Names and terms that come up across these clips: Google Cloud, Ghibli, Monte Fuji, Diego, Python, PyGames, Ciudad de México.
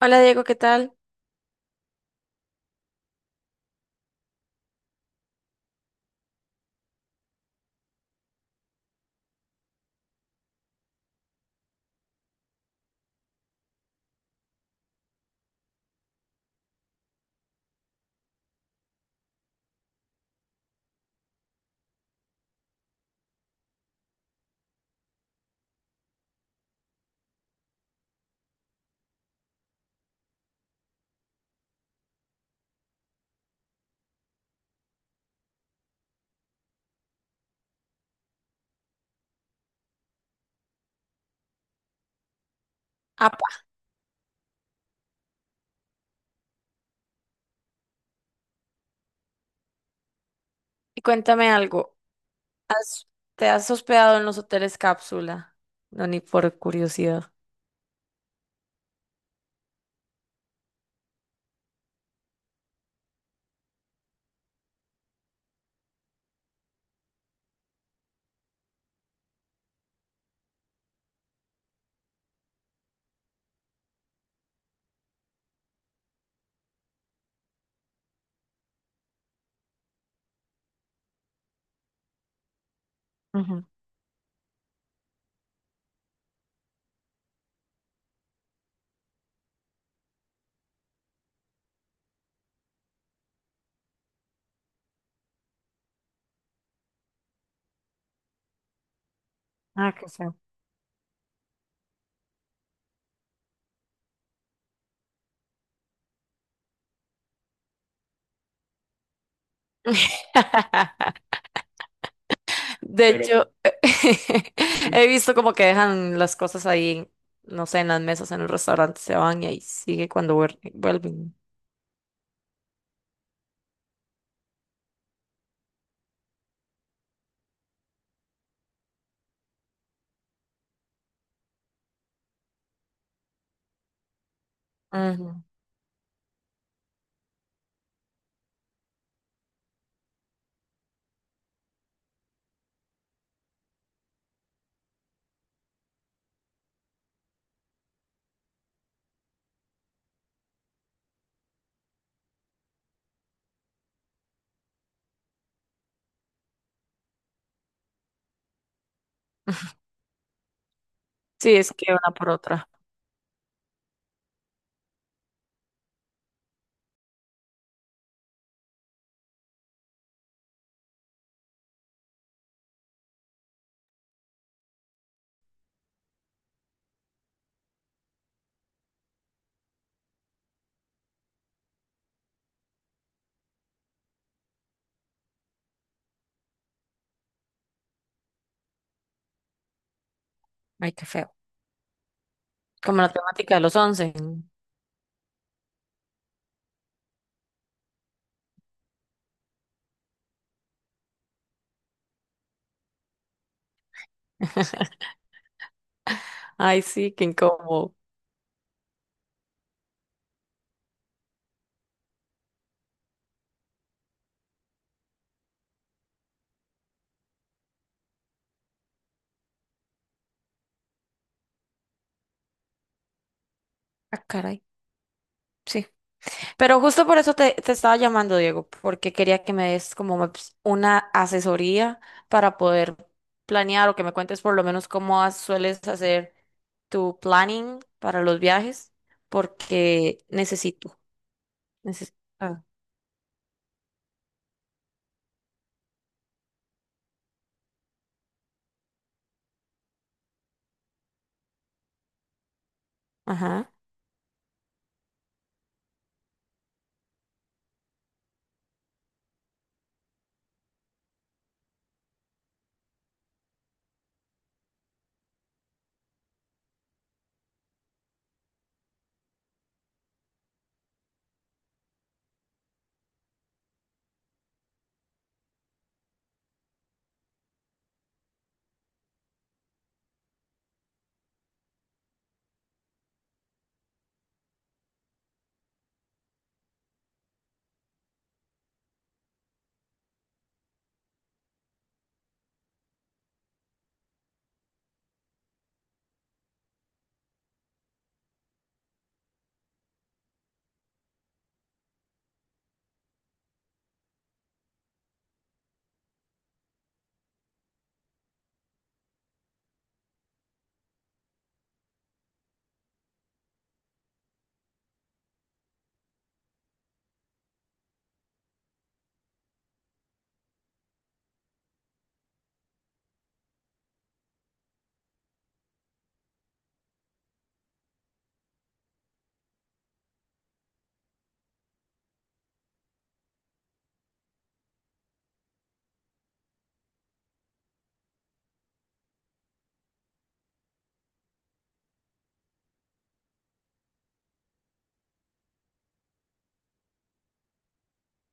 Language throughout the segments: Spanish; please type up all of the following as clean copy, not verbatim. Hola, Diego, ¿qué tal? Apa, y cuéntame algo. ¿Has- te has hospedado en los hoteles cápsula? No, ni por curiosidad. Ujú. Ah, qué feo. De hecho, he visto como que dejan las cosas ahí, en, no sé, en las mesas, en el restaurante, se van y ahí sigue cuando vuelven. Ujú. Sí, es que una por otra. Ay, qué feo. Como la temática de los 11. Ay, sí, qué incómodo. Ah, caray. ¡Sí! Pero justo por eso te estaba llamando, Diego, porque quería que me des como una asesoría para poder planear, o que me cuentes por lo menos cómo sueles hacer tu planning para los viajes, porque necesito. Ajá.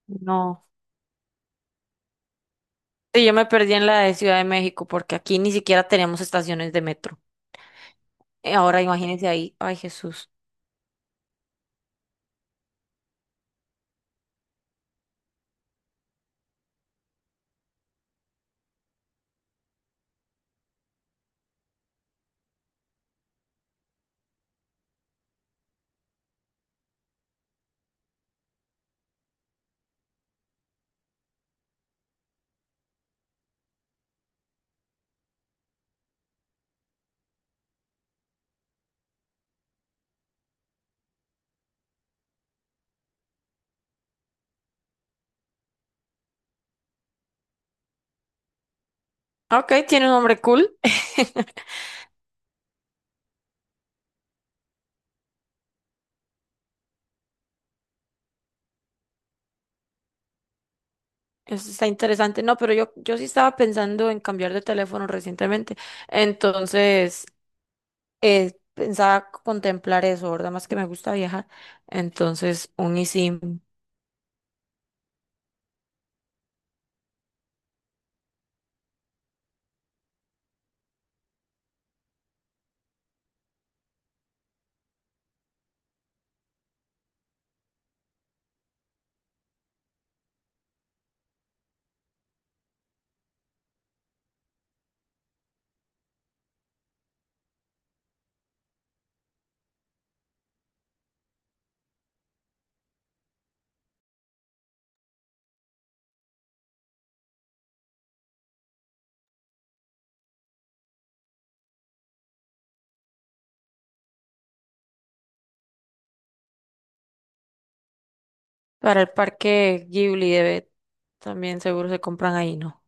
No. Sí, yo me perdí en la de Ciudad de México porque aquí ni siquiera tenemos estaciones de metro. Ahora imagínense ahí. Ay, Jesús. Ok, tiene un nombre cool. Eso está interesante. No, pero yo sí estaba pensando en cambiar de teléfono recientemente. Entonces, pensaba contemplar eso, ¿verdad? Más que me gusta viajar. Entonces, un eSIM para el parque Ghibli debe, también seguro se compran ahí, ¿no?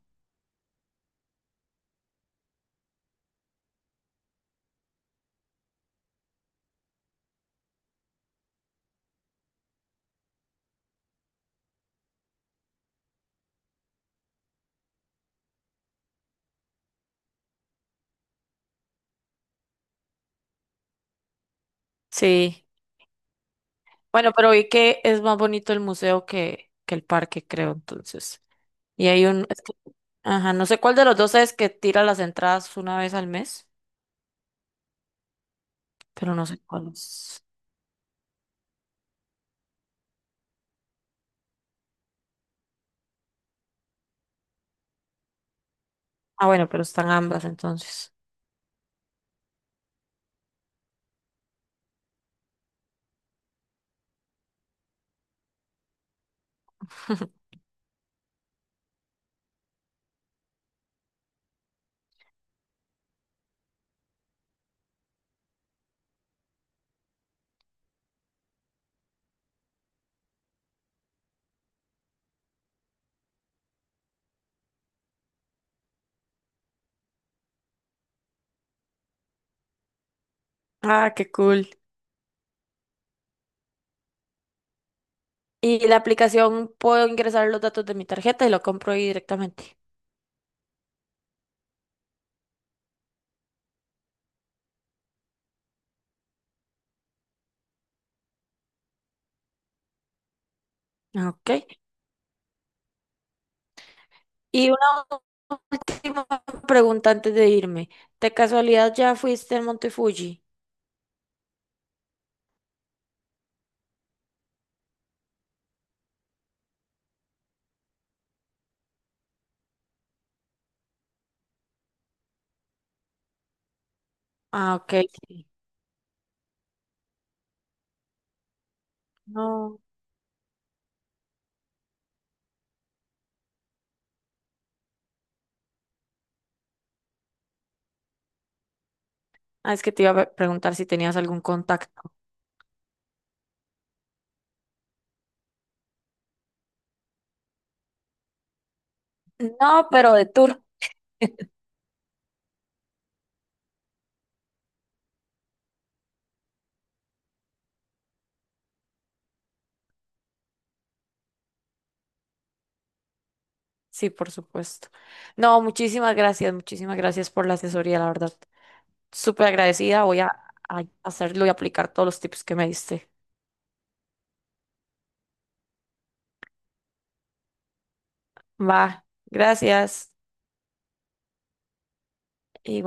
Sí. Bueno, pero vi que es más bonito el museo que el parque, creo, entonces. Y hay un, es que ajá, no sé cuál de los dos es que tira las entradas una vez al mes, pero no sé cuál es. Ah, bueno, pero están ambas entonces. Ah, qué cool. Y la aplicación, ¿puedo ingresar los datos de mi tarjeta y lo compro ahí directamente? Ok. Y una última pregunta antes de irme. ¿De casualidad ya fuiste al Monte Fuji? Ah, ok. Sí. No. Ah, es que te iba a preguntar si tenías algún contacto. No, pero de tour. Sí, por supuesto. No, muchísimas gracias por la asesoría, la verdad. Súper agradecida. Voy a hacerlo y aplicar todos los tips que me diste. Va, gracias. Igual.